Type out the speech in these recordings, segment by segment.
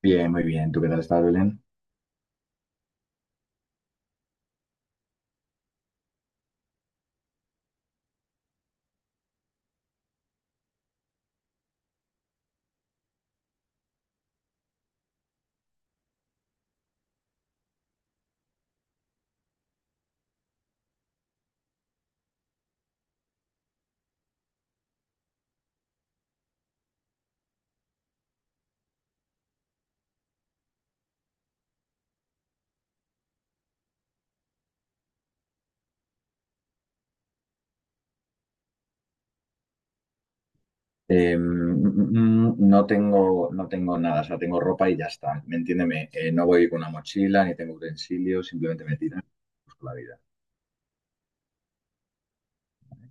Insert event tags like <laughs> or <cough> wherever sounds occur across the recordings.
Bien, muy bien. ¿Tú qué tal estás, Belén? Eh, mm, no tengo nada, o sea, tengo ropa y ya está. ¿Me entiéndeme? No voy con una mochila, ni tengo utensilios, simplemente me tiran pues, con la vida. ¿Vale?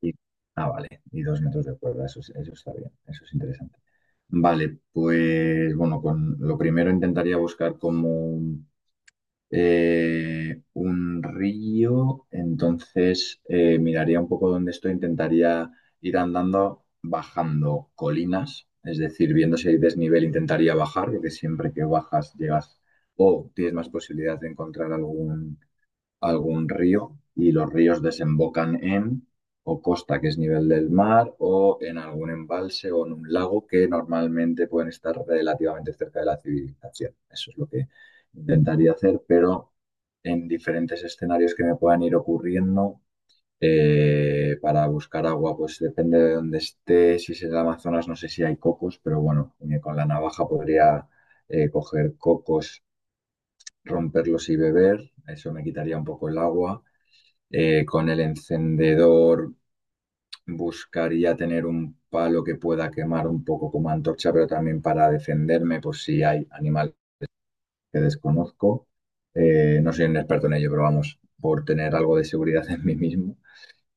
Y- ah, vale. Y 2 metros de cuerda, eso, eso está bien, eso es interesante. Vale, pues bueno, con lo primero intentaría buscar como un río. Entonces, miraría un poco dónde estoy, intentaría ir andando bajando colinas, es decir, viendo si hay desnivel intentaría bajar, porque siempre que bajas llegas o tienes más posibilidad de encontrar algún río, y los ríos desembocan en o costa, que es nivel del mar, o en algún embalse o en un lago que normalmente pueden estar relativamente cerca de la civilización. Eso es lo que intentaría hacer, pero en diferentes escenarios que me puedan ir ocurriendo. Para buscar agua, pues depende de dónde esté. Si es en el Amazonas, no sé si hay cocos, pero bueno, con la navaja podría coger cocos, romperlos y beber. Eso me quitaría un poco el agua. Con el encendedor buscaría tener un palo que pueda quemar un poco como antorcha, pero también para defenderme por si hay animales que desconozco. No soy un experto en ello, pero vamos, por tener algo de seguridad <laughs> en mí mismo.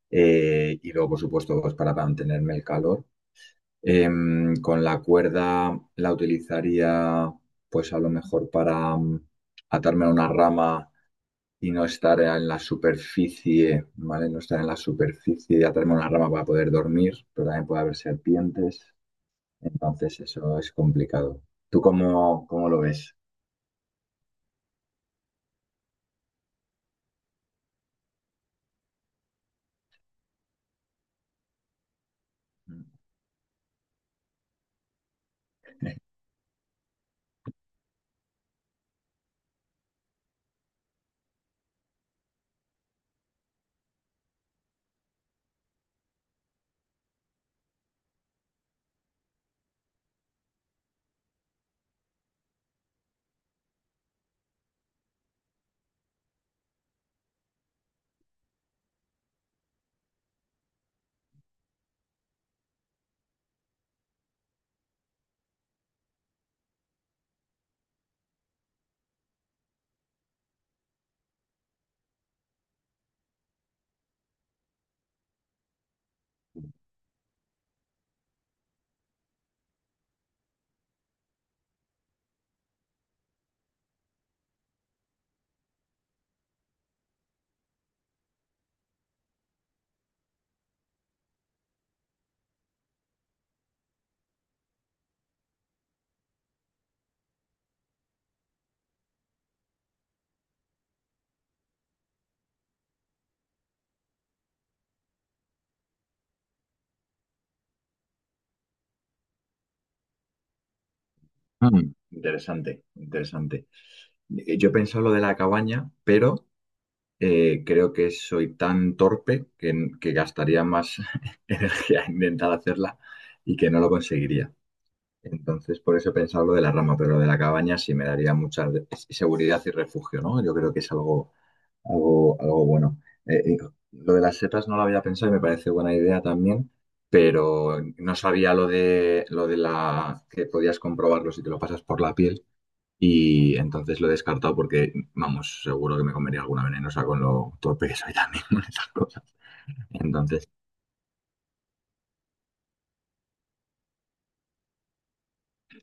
Y luego, por supuesto, pues para mantenerme el calor. Con la cuerda la utilizaría, pues a lo mejor para atarme a una rama y no estar en la superficie, ¿vale? No estar en la superficie, ya tenemos una rama para poder dormir, pero también puede haber serpientes, entonces eso es complicado. ¿Tú cómo lo ves? Mm. Interesante, interesante. Yo he pensado lo de la cabaña, pero creo que soy tan torpe que gastaría más <laughs> energía en intentar hacerla y que no lo conseguiría. Entonces, por eso he pensado lo de la rama, pero lo de la cabaña sí me daría mucha seguridad y refugio, ¿no? Yo creo que es algo bueno. Eh, eh, lo de las setas no lo había pensado y me parece buena idea también, pero no sabía lo de la que podías comprobarlo si te lo pasas por la piel, y entonces lo he descartado porque, vamos, seguro que me comería alguna venenosa con lo torpe que soy también <laughs> con estas cosas. Entonces,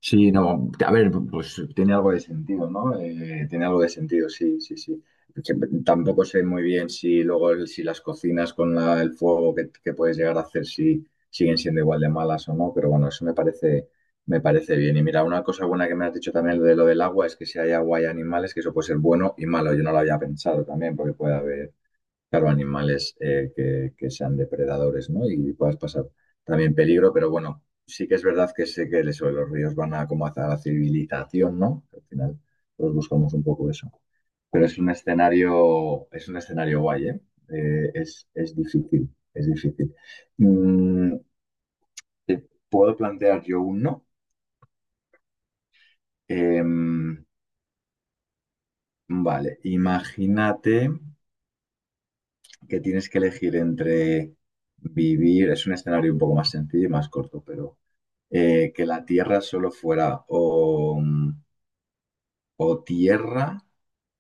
sí, no, a ver, pues tiene algo de sentido, ¿no? Tiene algo de sentido, sí, sí, sí. Que tampoco sé muy bien si luego si las cocinas con el fuego que puedes llegar a hacer si siguen siendo igual de malas o no, pero bueno, eso me parece bien. Y mira, una cosa buena que me has dicho también lo de lo del agua es que si hay agua y animales, que eso puede ser bueno y malo. Yo no lo había pensado también, porque puede haber claro, animales que sean depredadores, ¿no? Y puedas pasar también peligro, pero bueno, sí que es verdad que sé que eso, los ríos van a como hacia la civilización, ¿no? Al final, todos buscamos un poco eso. Pero es un escenario guay, ¿eh? Es difícil, es difícil. Mm, ¿Te puedo plantear yo uno? Em, vale, imagínate que tienes que elegir entre vivir, es un escenario un poco más sencillo y más corto, pero que la Tierra solo fuera o tierra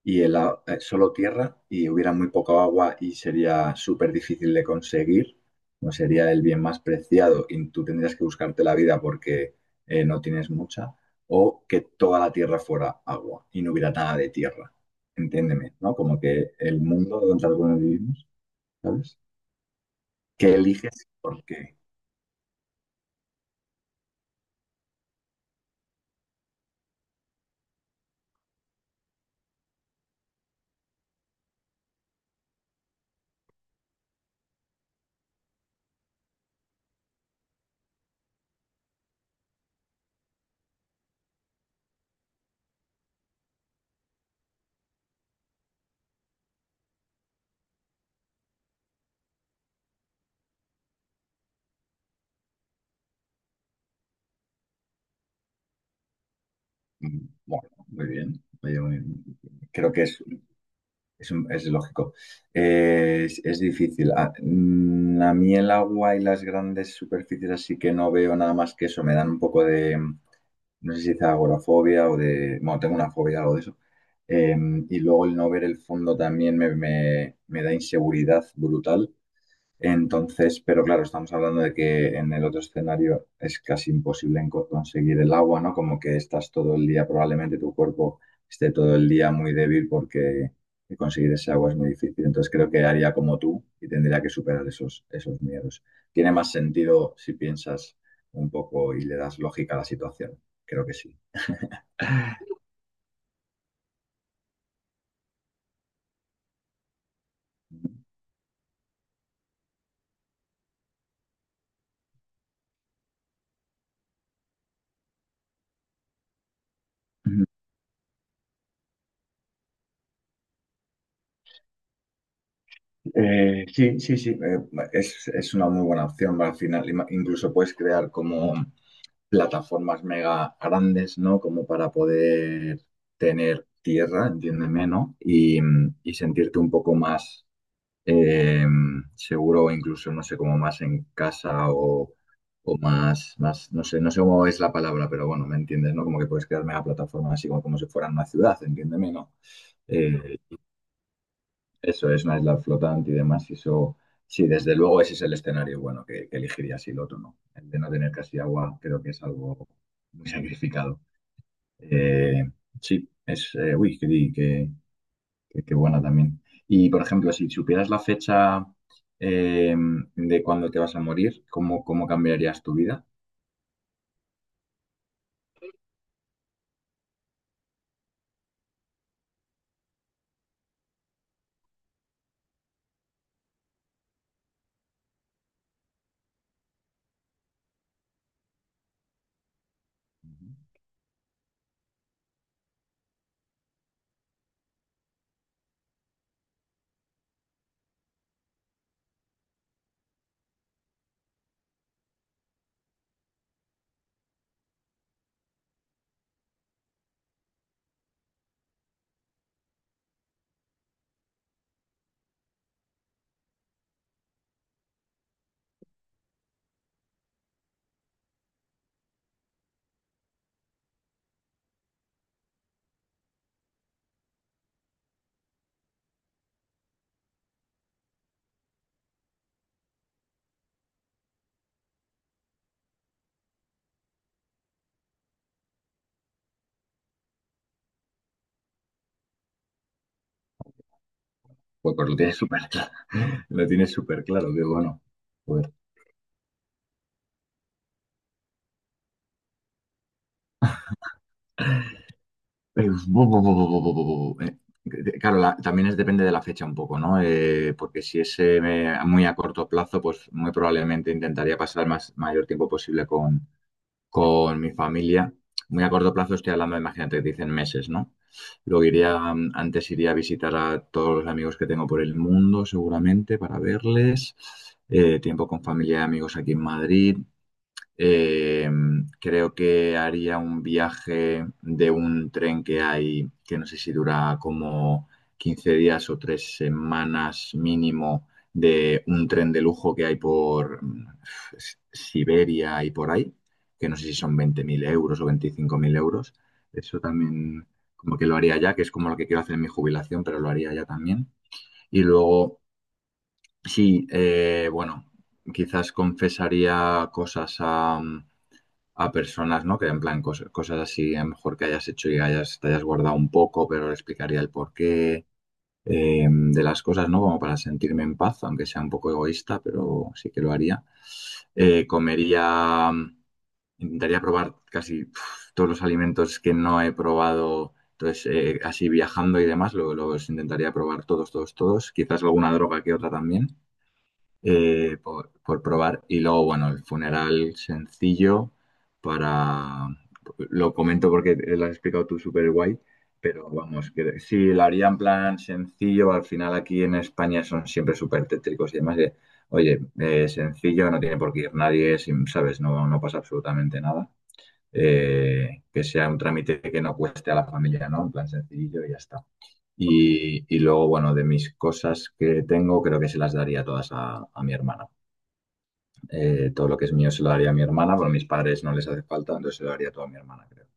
y solo tierra y hubiera muy poco agua y sería súper difícil de conseguir, no sería el bien más preciado y tú tendrías que buscarte la vida porque no tienes mucha, o que toda la tierra fuera agua y no hubiera nada de tierra. Entiéndeme, ¿no? Como que el mundo donde algunos vivimos, ¿sabes? ¿Qué eliges? Porque, bueno, muy bien. Oye, muy bien. Creo que es. Es, es lógico. Es difícil. A mí el agua y las grandes superficies, así que no veo nada más que eso. Me dan un poco de, no sé si dice agorafobia o de, bueno, tengo una fobia algo de eso. Eh, y luego el no ver el fondo también me da inseguridad brutal. Entonces, pero claro, estamos hablando de que en el otro escenario es casi imposible en conseguir el agua, ¿no? Como que estás todo el día, probablemente tu cuerpo esté todo el día muy débil porque conseguir ese agua es muy difícil. Entonces creo que haría como tú y tendría que superar esos, esos miedos. Tiene más sentido si piensas un poco y le das lógica a la situación. Creo que sí. <laughs> Ujú. Sí, sí, sí, es una muy buena opción al final. Incluso puedes crear como plataformas mega grandes, ¿no? Como para poder tener tierra, entiéndeme, ¿no? Y sentirte un poco más eh, seguro, o incluso, no sé, como más en casa o, más, no sé, no sé cómo es la palabra, pero bueno, ¿me entiendes, no? Como que puedes crear mega plataformas así como, como si fueran una ciudad, entiéndeme, ¿no? Eh, Eso es una isla flotante y demás, y eso... Sí, desde luego ese es el escenario bueno que elegiría si el otro no. El de no tener casi agua creo que es algo muy sacrificado. Eh, sí, es, uy, qué, qué buena también. Y, por ejemplo, si supieras la fecha eh, de cuándo te vas a morir, ¿cómo, cómo cambiarías tu vida? Ujú. Pues lo tienes súper claro, <laughs> lo tienes súper claro, que bueno. Joder. Eh, bu- bu- bu- bu- bu- bu- bu- bu- eh, Claro, también es, depende de la fecha un poco, ¿no? Porque si es muy a corto plazo, pues muy probablemente intentaría pasar el más, mayor tiempo posible con mi familia. Muy a corto plazo estoy hablando, imagínate, dicen meses, ¿no? Luego iría, antes iría a visitar a todos los amigos que tengo por el mundo, seguramente, para verles. Tiempo con familia y amigos aquí en Madrid. Eh, creo que haría un viaje de un tren que hay, que no sé si dura como 15 días o 3 semanas mínimo, de un tren de lujo que hay por Siberia y por ahí, que no sé si son 20.000 euros o 25.000 euros. Eso también como que lo haría ya, que es como lo que quiero hacer en mi jubilación, pero lo haría ya también. Y luego, sí, bueno, quizás confesaría cosas a a personas, ¿no? Que en plan cosas, cosas así, a lo mejor que hayas hecho y hayas, te hayas guardado un poco, pero le explicaría el porqué de las cosas, ¿no? Como para sentirme en paz, aunque sea un poco egoísta, pero sí que lo haría. Comería, intentaría probar casi uf, todos los alimentos que no he probado. Entonces, así viajando y demás, los intentaría probar todos, todos, todos. Quizás alguna droga que otra también por probar. Y luego, bueno, el funeral sencillo para... Lo comento porque lo has explicado tú súper guay, pero vamos, que sí, lo haría en plan sencillo. Al final aquí en España son siempre súper tétricos y demás. Oye, sencillo, no tiene por qué ir nadie, ¿sabes? No, no pasa absolutamente nada. Que sea un trámite que no cueste a la familia, ¿no? En plan sencillo y ya está. Y luego, bueno, de mis cosas que tengo, creo que se las daría todas a mi hermana. Todo lo que es mío se lo daría a mi hermana, pero a mis padres no les hace falta, entonces se lo daría todo a mi hermana, creo.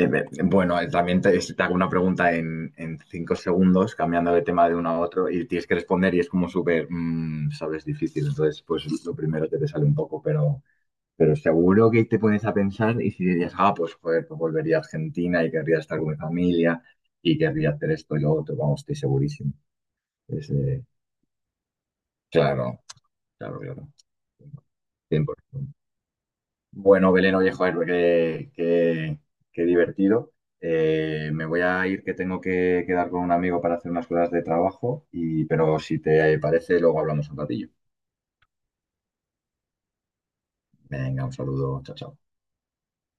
Bueno, también te hago una pregunta en 5 segundos, cambiando de tema de uno a otro, y tienes que responder y es como súper, sabes, difícil. Entonces, pues lo primero que te sale un poco, pero seguro que te pones a pensar y si dirías, ah, pues joder, pues volvería a Argentina y querría estar con mi familia y querría hacer esto y lo otro, vamos, estoy segurísimo. Es, eh, claro, claro, claro. 100%. Bueno, Belén, oye, joder, qué, qué divertido. Me voy a ir que tengo que quedar con un amigo para hacer unas cosas de trabajo, y, pero si te parece, luego hablamos un ratillo. Venga, un saludo, chao, chao.